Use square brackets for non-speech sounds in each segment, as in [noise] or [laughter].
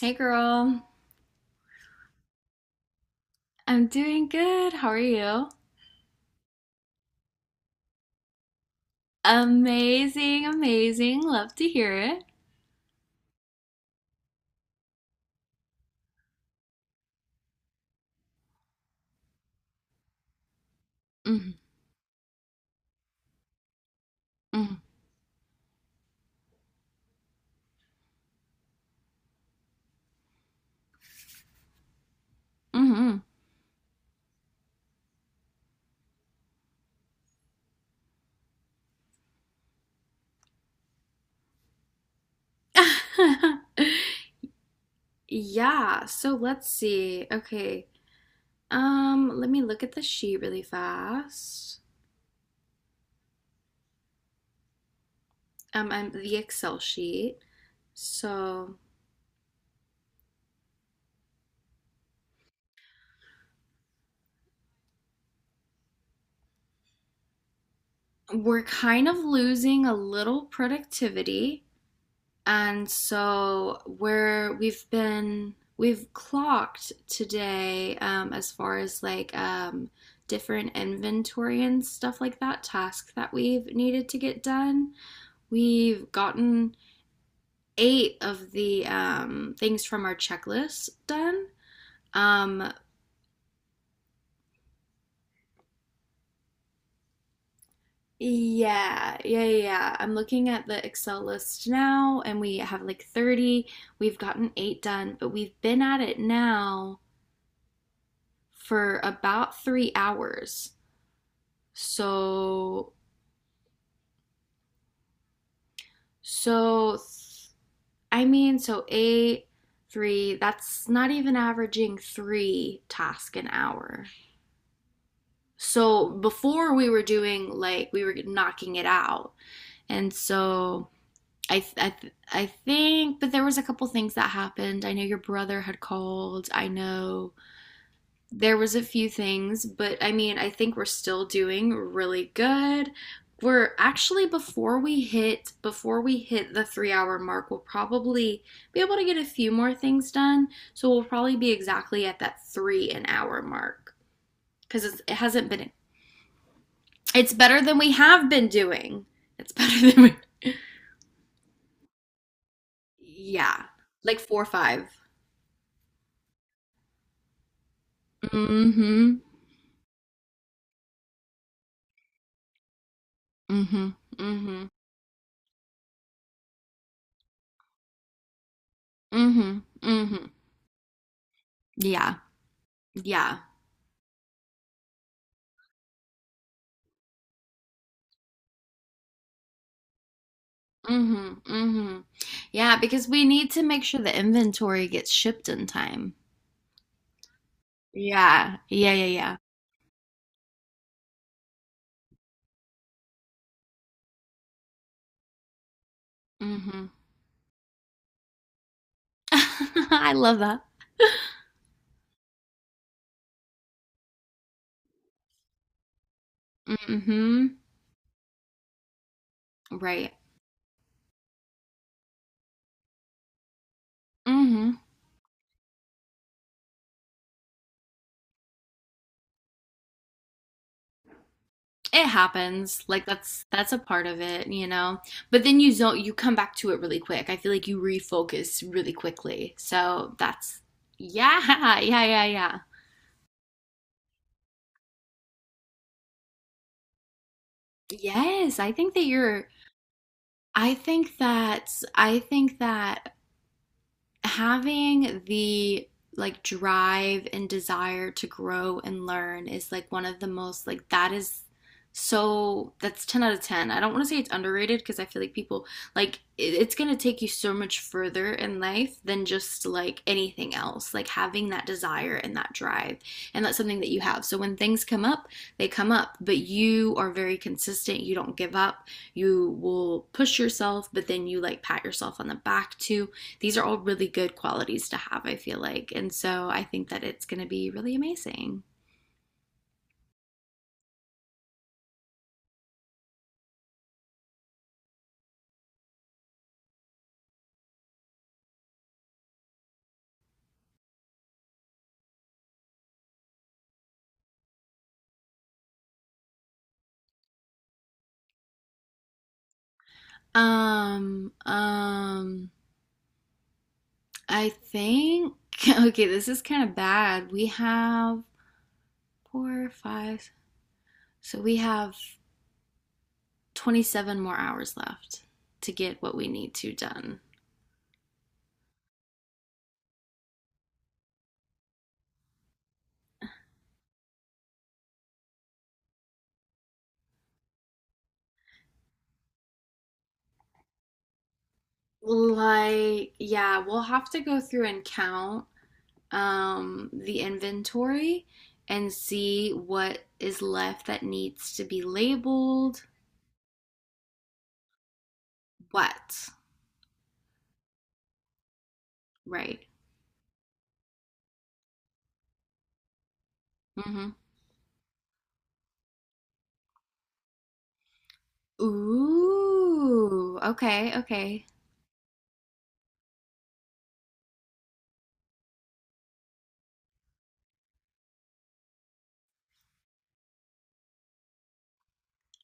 Hey girl, I'm doing good. How are you? Amazing, amazing. Love to hear it. Mhm, mhm, mhm. [laughs] Yeah, so let's see. Okay. Let me look at the sheet really fast. And the Excel sheet. So we're kind of losing a little productivity. And so we've been we've clocked today, as far as like different inventory and stuff like that. Tasks that we've needed to get done, we've gotten 8 of the things from our checklist done. um, yeah, yeah, yeah, yeah. I'm looking at the Excel list now, and we have like 30. We've gotten 8 done, but we've been at it now for about 3 hours. So, so, I mean, so 8, 3, that's not even averaging 3 tasks an hour. So before we were doing like, we were knocking it out. And so I think, but there was a couple things that happened. I know your brother had called. I know there was a few things, but I mean, I think we're still doing really good. We're actually before we hit the 3-hour mark, we'll probably be able to get a few more things done. So we'll probably be exactly at that 3 an hour mark, cuz it hasn't been it's better than we have been doing. It's [laughs] better than we. Yeah. Like 4 or 5. Mhm. Mhm. Mhm. Mhm. Mhm. Yeah. Yeah. Mhm. Mhm. Yeah, because we need to make sure the inventory gets shipped in time. Yeah, yeah, yeah, yeah. Mm-hmm. [laughs] I love that. Mm-hmm. Right. Mm-hmm. It happens. Like that's a part of it, you know. But then you zone, you come back to it really quick. I feel like you refocus really quickly. So that's, yeah, [laughs] yeah, yeah, yeah. Yes, I think that you're, I think that I think that having the like drive and desire to grow and learn is like one of the most, like, that is, so that's 10 out of 10. I don't want to say it's underrated because I feel like people, like, it's going to take you so much further in life than just like anything else, like having that desire and that drive, and that's something that you have. So when things come up, they come up, but you are very consistent. You don't give up. You will push yourself, but then you like pat yourself on the back too. These are all really good qualities to have, I feel like. And so I think that it's going to be really amazing. Um, um, I think, [laughs] okay, this is kind of bad. We have four, five, so we have 27 more hours left to get what we need to done. Like, yeah, we'll have to go through and count the inventory and see what is left that needs to be labeled. What? Right. Mm-hmm. Ooh, okay, okay.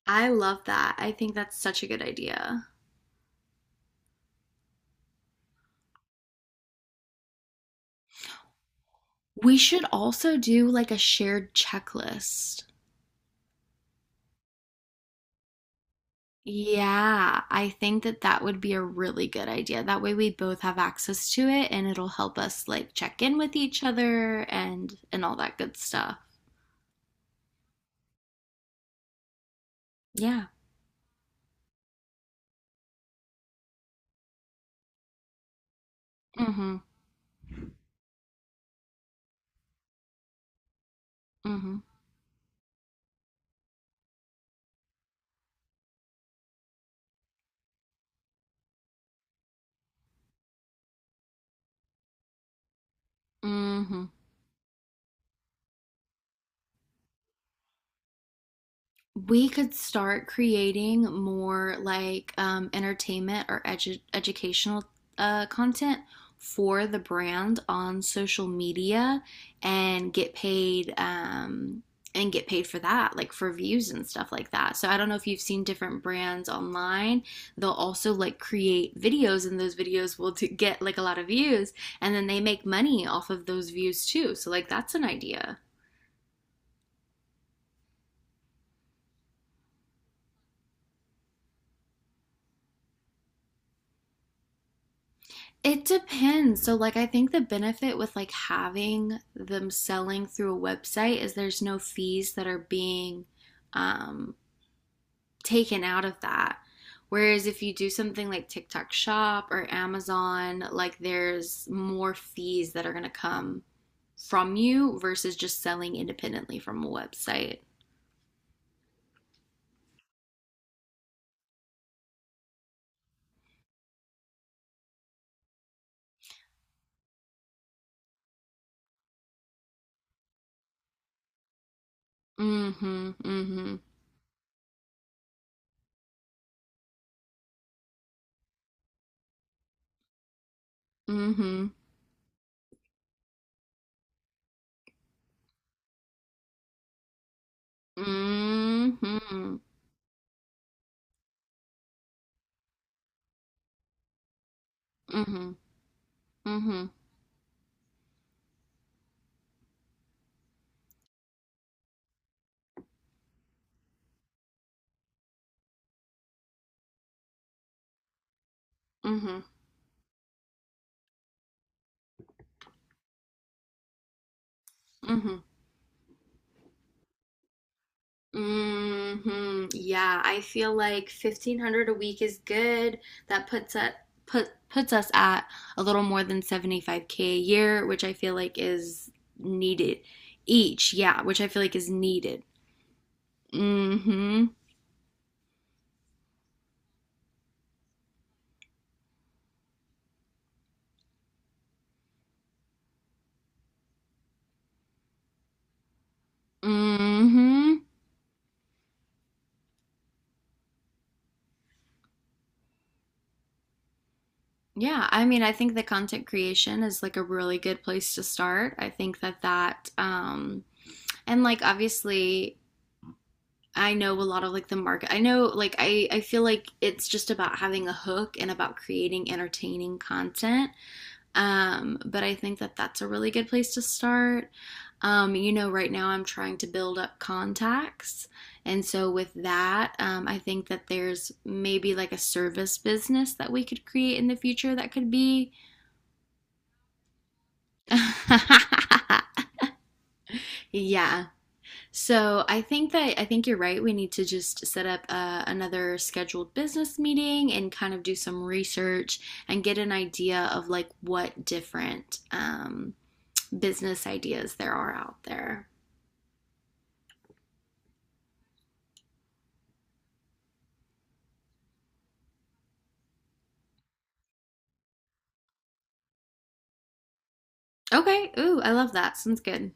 I love that. I think that's such a good idea. We should also do like a shared checklist. Yeah, I think that that would be a really good idea. That way we both have access to it and it'll help us like check in with each other and all that good stuff. Yeah. Mm-hmm. Mm-hmm. Mm-hmm. We could start creating more like entertainment or edu educational content for the brand on social media and get paid, and get paid for that, like for views and stuff like that. So I don't know if you've seen different brands online. They'll also like create videos, and those videos will get like a lot of views, and then they make money off of those views too. So like that's an idea. It depends. So, like, I think the benefit with like having them selling through a website is there's no fees that are being um, taken out of that. Whereas if you do something like TikTok Shop or Amazon, like there's more fees that are going to come from you versus just selling independently from a website. Mm-hmm. Mm-hmm. Mm-hmm. Mm-hmm. Mm-hmm. Mm-hmm. Mm-hmm. Mm-hmm. Hmm. Yeah, I feel like 1500 a week is good. That puts us, puts us at a little more than 75K a year, which I feel like is needed, each. Yeah, which I feel like is needed. Mm-hmm. Mm-hmm. Yeah, I mean, I think the content creation is like a really good place to start. I think that um, and like obviously I know a lot of like the market. I know like I feel like it's just about having a hook and about creating entertaining content. But I think that that's a really good place to start. You know, right now I'm trying to build up contacts. And so, with that, I think that there's maybe like a service business that we could create in the future that could be. [laughs] Yeah, so I think that, I think you're right. We need to just set up another scheduled business meeting and kind of do some research and get an idea of like what different business ideas there are out there. Okay. Ooh, I love that. Sounds good.